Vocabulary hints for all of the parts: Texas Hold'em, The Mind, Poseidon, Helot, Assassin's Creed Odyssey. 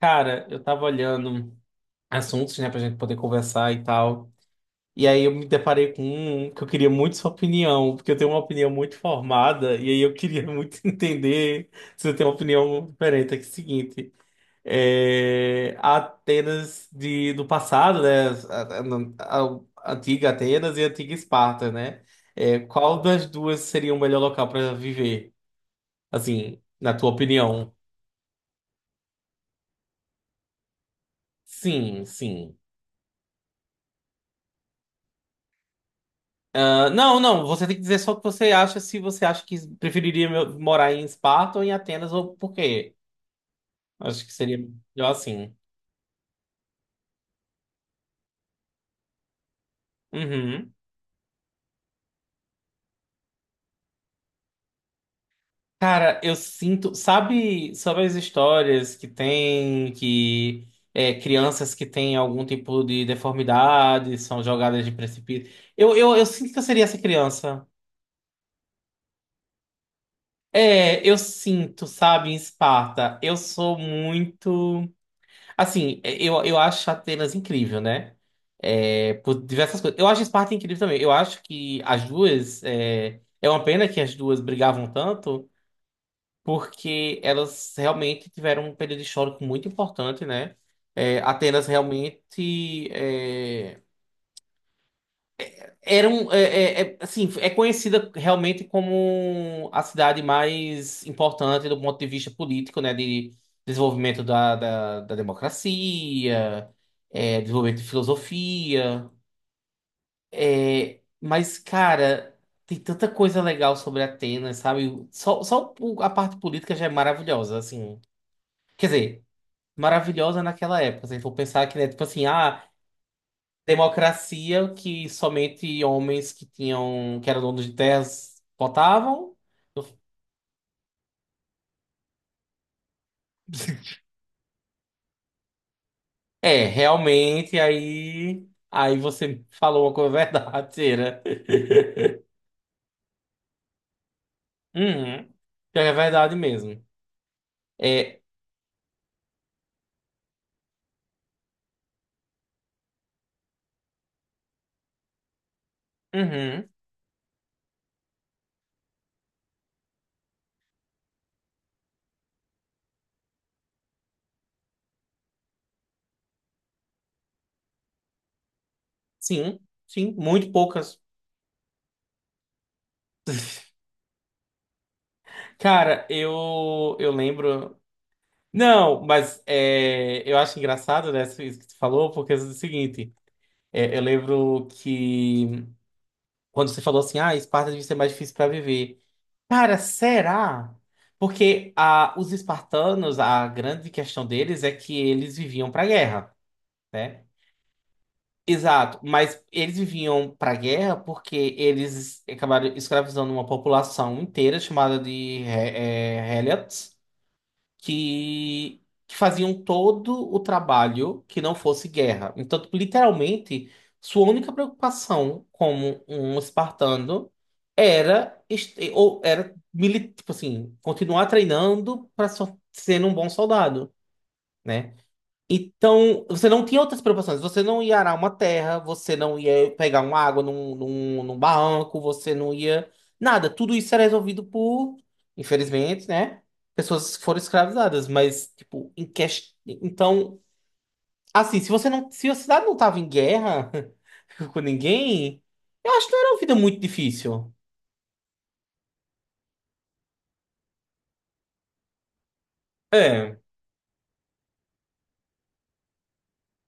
Cara, eu tava olhando assuntos, né, pra gente poder conversar e tal. E aí eu me deparei com um que eu queria muito sua opinião, porque eu tenho uma opinião muito formada, e aí eu queria muito entender se você tem uma opinião diferente. É que é o seguinte, a Atenas de, do passado, né, a- a- a antiga Atenas e a antiga Esparta, né? Qual das duas seria o melhor local para viver, assim, na tua opinião? Sim, sim. Ah, não, não, você tem que dizer só o que você acha, se você acha que preferiria morar em Esparta ou em Atenas, ou por quê. Acho que seria melhor assim. Uhum. Cara, eu sinto, sabe, sobre as histórias que tem, que crianças que têm algum tipo de deformidade são jogadas de precipício. Eu sinto que eu seria essa criança. Eu sinto, sabe, em Esparta, eu sou muito. Assim, eu acho Atenas incrível, né? É, por diversas coisas. Eu acho Esparta incrível também. Eu acho que as duas. É uma pena que as duas brigavam tanto, porque elas realmente tiveram um período histórico muito importante, né? Atenas realmente. Era um, assim, é conhecida realmente como a cidade mais importante do ponto de vista político, né, de desenvolvimento da democracia, desenvolvimento de filosofia, mas, cara, tem tanta coisa legal sobre Atenas, sabe? Só a parte política já é maravilhosa, assim. Quer dizer, maravilhosa naquela época, se a gente for pensar que, né, tipo assim, democracia que somente homens que tinham, que eram donos de terras votavam. Realmente, aí você falou uma coisa verdadeira. Uhum. Pior que é verdade mesmo. É, uhum. Sim, sim, muito poucas. Cara, eu lembro. Não, mas eu acho engraçado, né, isso que tu falou, porque é o seguinte, eu lembro que quando você falou assim, Esparta devia ser mais difícil para viver. Cara, será? Porque os espartanos, a grande questão deles é que eles viviam para guerra, né? Exato, mas eles viviam para guerra porque eles acabaram escravizando uma população inteira chamada de Helots que, que faziam todo o trabalho que não fosse guerra. Então, tipo, literalmente, sua única preocupação como um espartano era, ou era tipo assim, continuar treinando para sendo um bom soldado. Né? Então, você não tinha outras preocupações. Você não ia arar uma terra, você não ia pegar uma água num barranco, você não ia. Nada. Tudo isso era resolvido por, infelizmente, né? Pessoas que foram escravizadas. Mas, tipo, então, assim, se você não. Se a cidade não tava em guerra com ninguém, eu acho que não era uma vida muito difícil. É.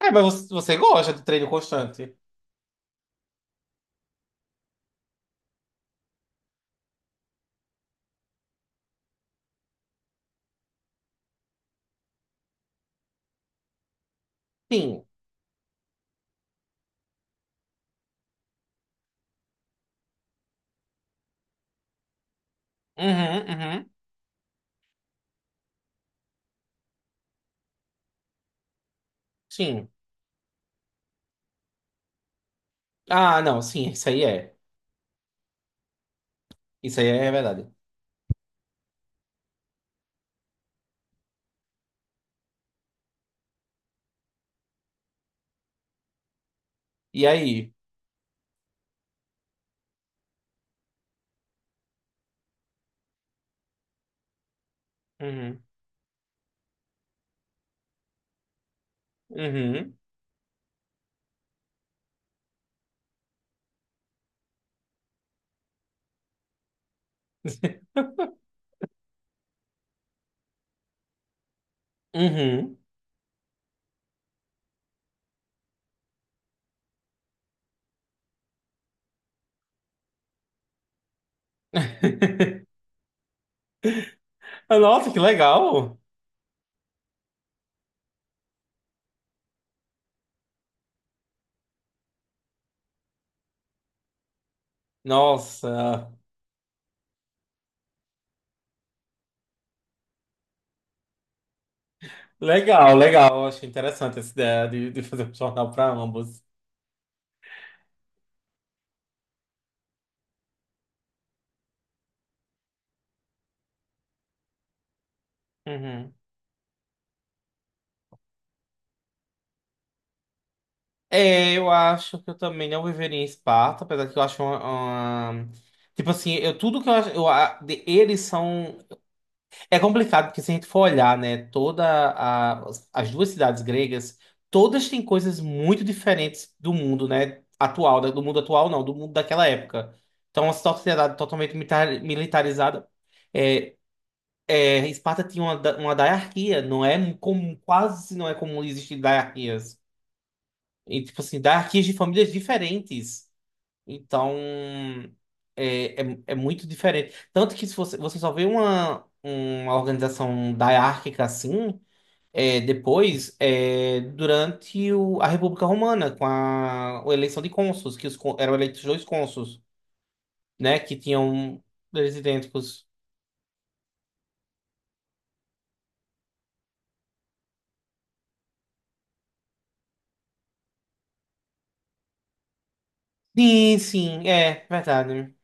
É, mas você gosta de treino constante. Sim. Uhum, uhum. Sim. Ah, não, sim, isso aí é. Isso aí é verdade. E aí? Uhum. Uhum. Uhum. Ah, nossa, que legal! Nossa, legal, legal. Acho interessante essa ideia de fazer um jornal para ambos. Uhum. Eu acho que eu também não viveria em Esparta, apesar que eu acho uma- Tipo assim, eu, tudo que eu acho. Eles são. É complicado, porque se a gente for olhar, né, as duas cidades gregas, todas têm coisas muito diferentes do mundo, né, atual, do mundo atual não, do mundo daquela época. Então, uma sociedade totalmente militarizada. É, Esparta tinha uma diarquia, não é comum, quase não é comum existir diarquias. E, tipo assim, diarquias de famílias diferentes. Então, é muito diferente. Tanto que se você só vê uma organização diárquica assim, depois, durante a República Romana, com a eleição de cônsules, que eram eleitos dois cônsules, né? Que tinham eles idênticos. Sim, sim, é verdade.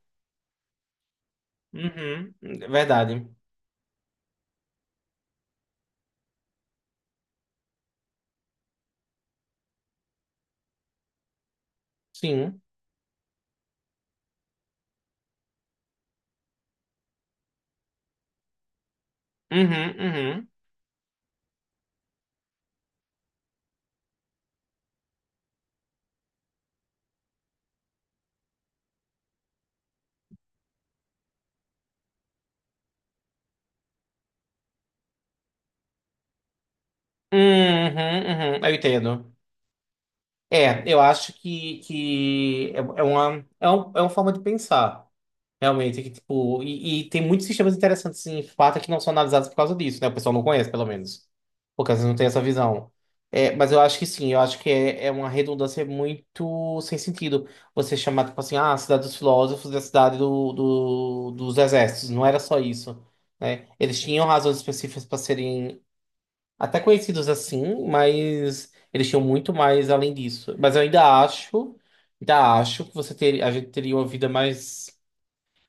Uhum, é verdade. Sim. Uhum, uhum. Uhum, uhum, uhum. Eu entendo. Eu acho que é, é uma forma de pensar, realmente. Que, tipo, e tem muitos sistemas interessantes em Sparta que não são analisados por causa disso, né? O pessoal não conhece, pelo menos. Porque às vezes não tem essa visão. É, mas eu acho que sim, eu acho que é uma redundância muito sem sentido. Você chamar, tipo assim, a cidade dos filósofos e a cidade dos exércitos. Não era só isso, né? Eles tinham razões específicas para serem até conhecidos assim, mas eles tinham muito mais além disso. Mas eu ainda acho que você ter, a gente teria uma vida mais.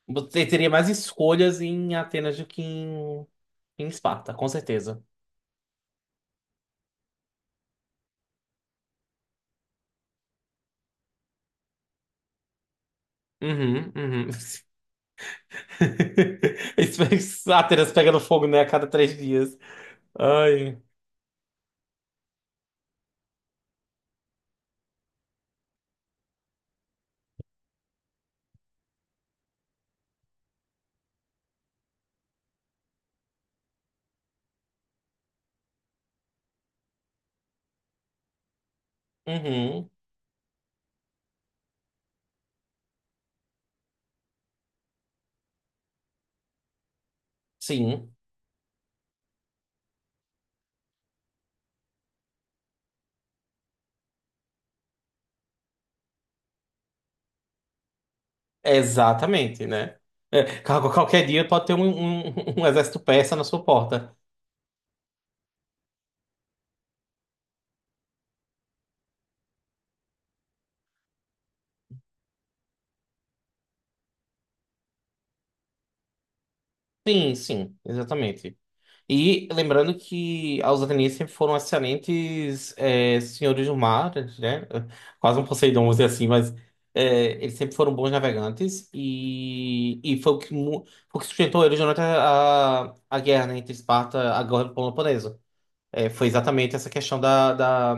Você teria mais escolhas em Atenas do que em Esparta, com certeza. Uhum, uhum. Atenas pega no fogo, né, a cada 3 dias. Ai. Uhum, sim, exatamente, né? Qualquer dia pode ter um exército persa na sua porta. Sim, sim, exatamente. E lembrando que os atenienses sempre foram excelentes senhores do mar, né? Quase um Poseidon, vamos dizer assim, mas eles sempre foram bons navegantes e, foi o que, foi o que sustentou eles durante a guerra né, entre Esparta a e Peloponeso. Foi exatamente essa questão da, da,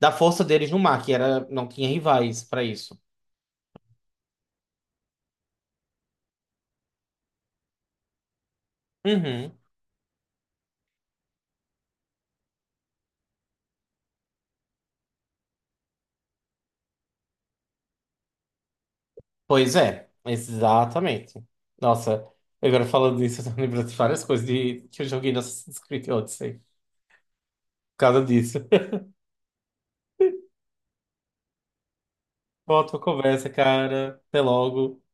da força deles no mar, que era, não tinha rivais para isso. Uhum. Pois é, exatamente. Nossa, agora falando disso, eu tô lembrando de várias coisas que eu joguei no Assassin's Creed Odyssey. Por causa disso. Volta a conversa, cara. Até logo.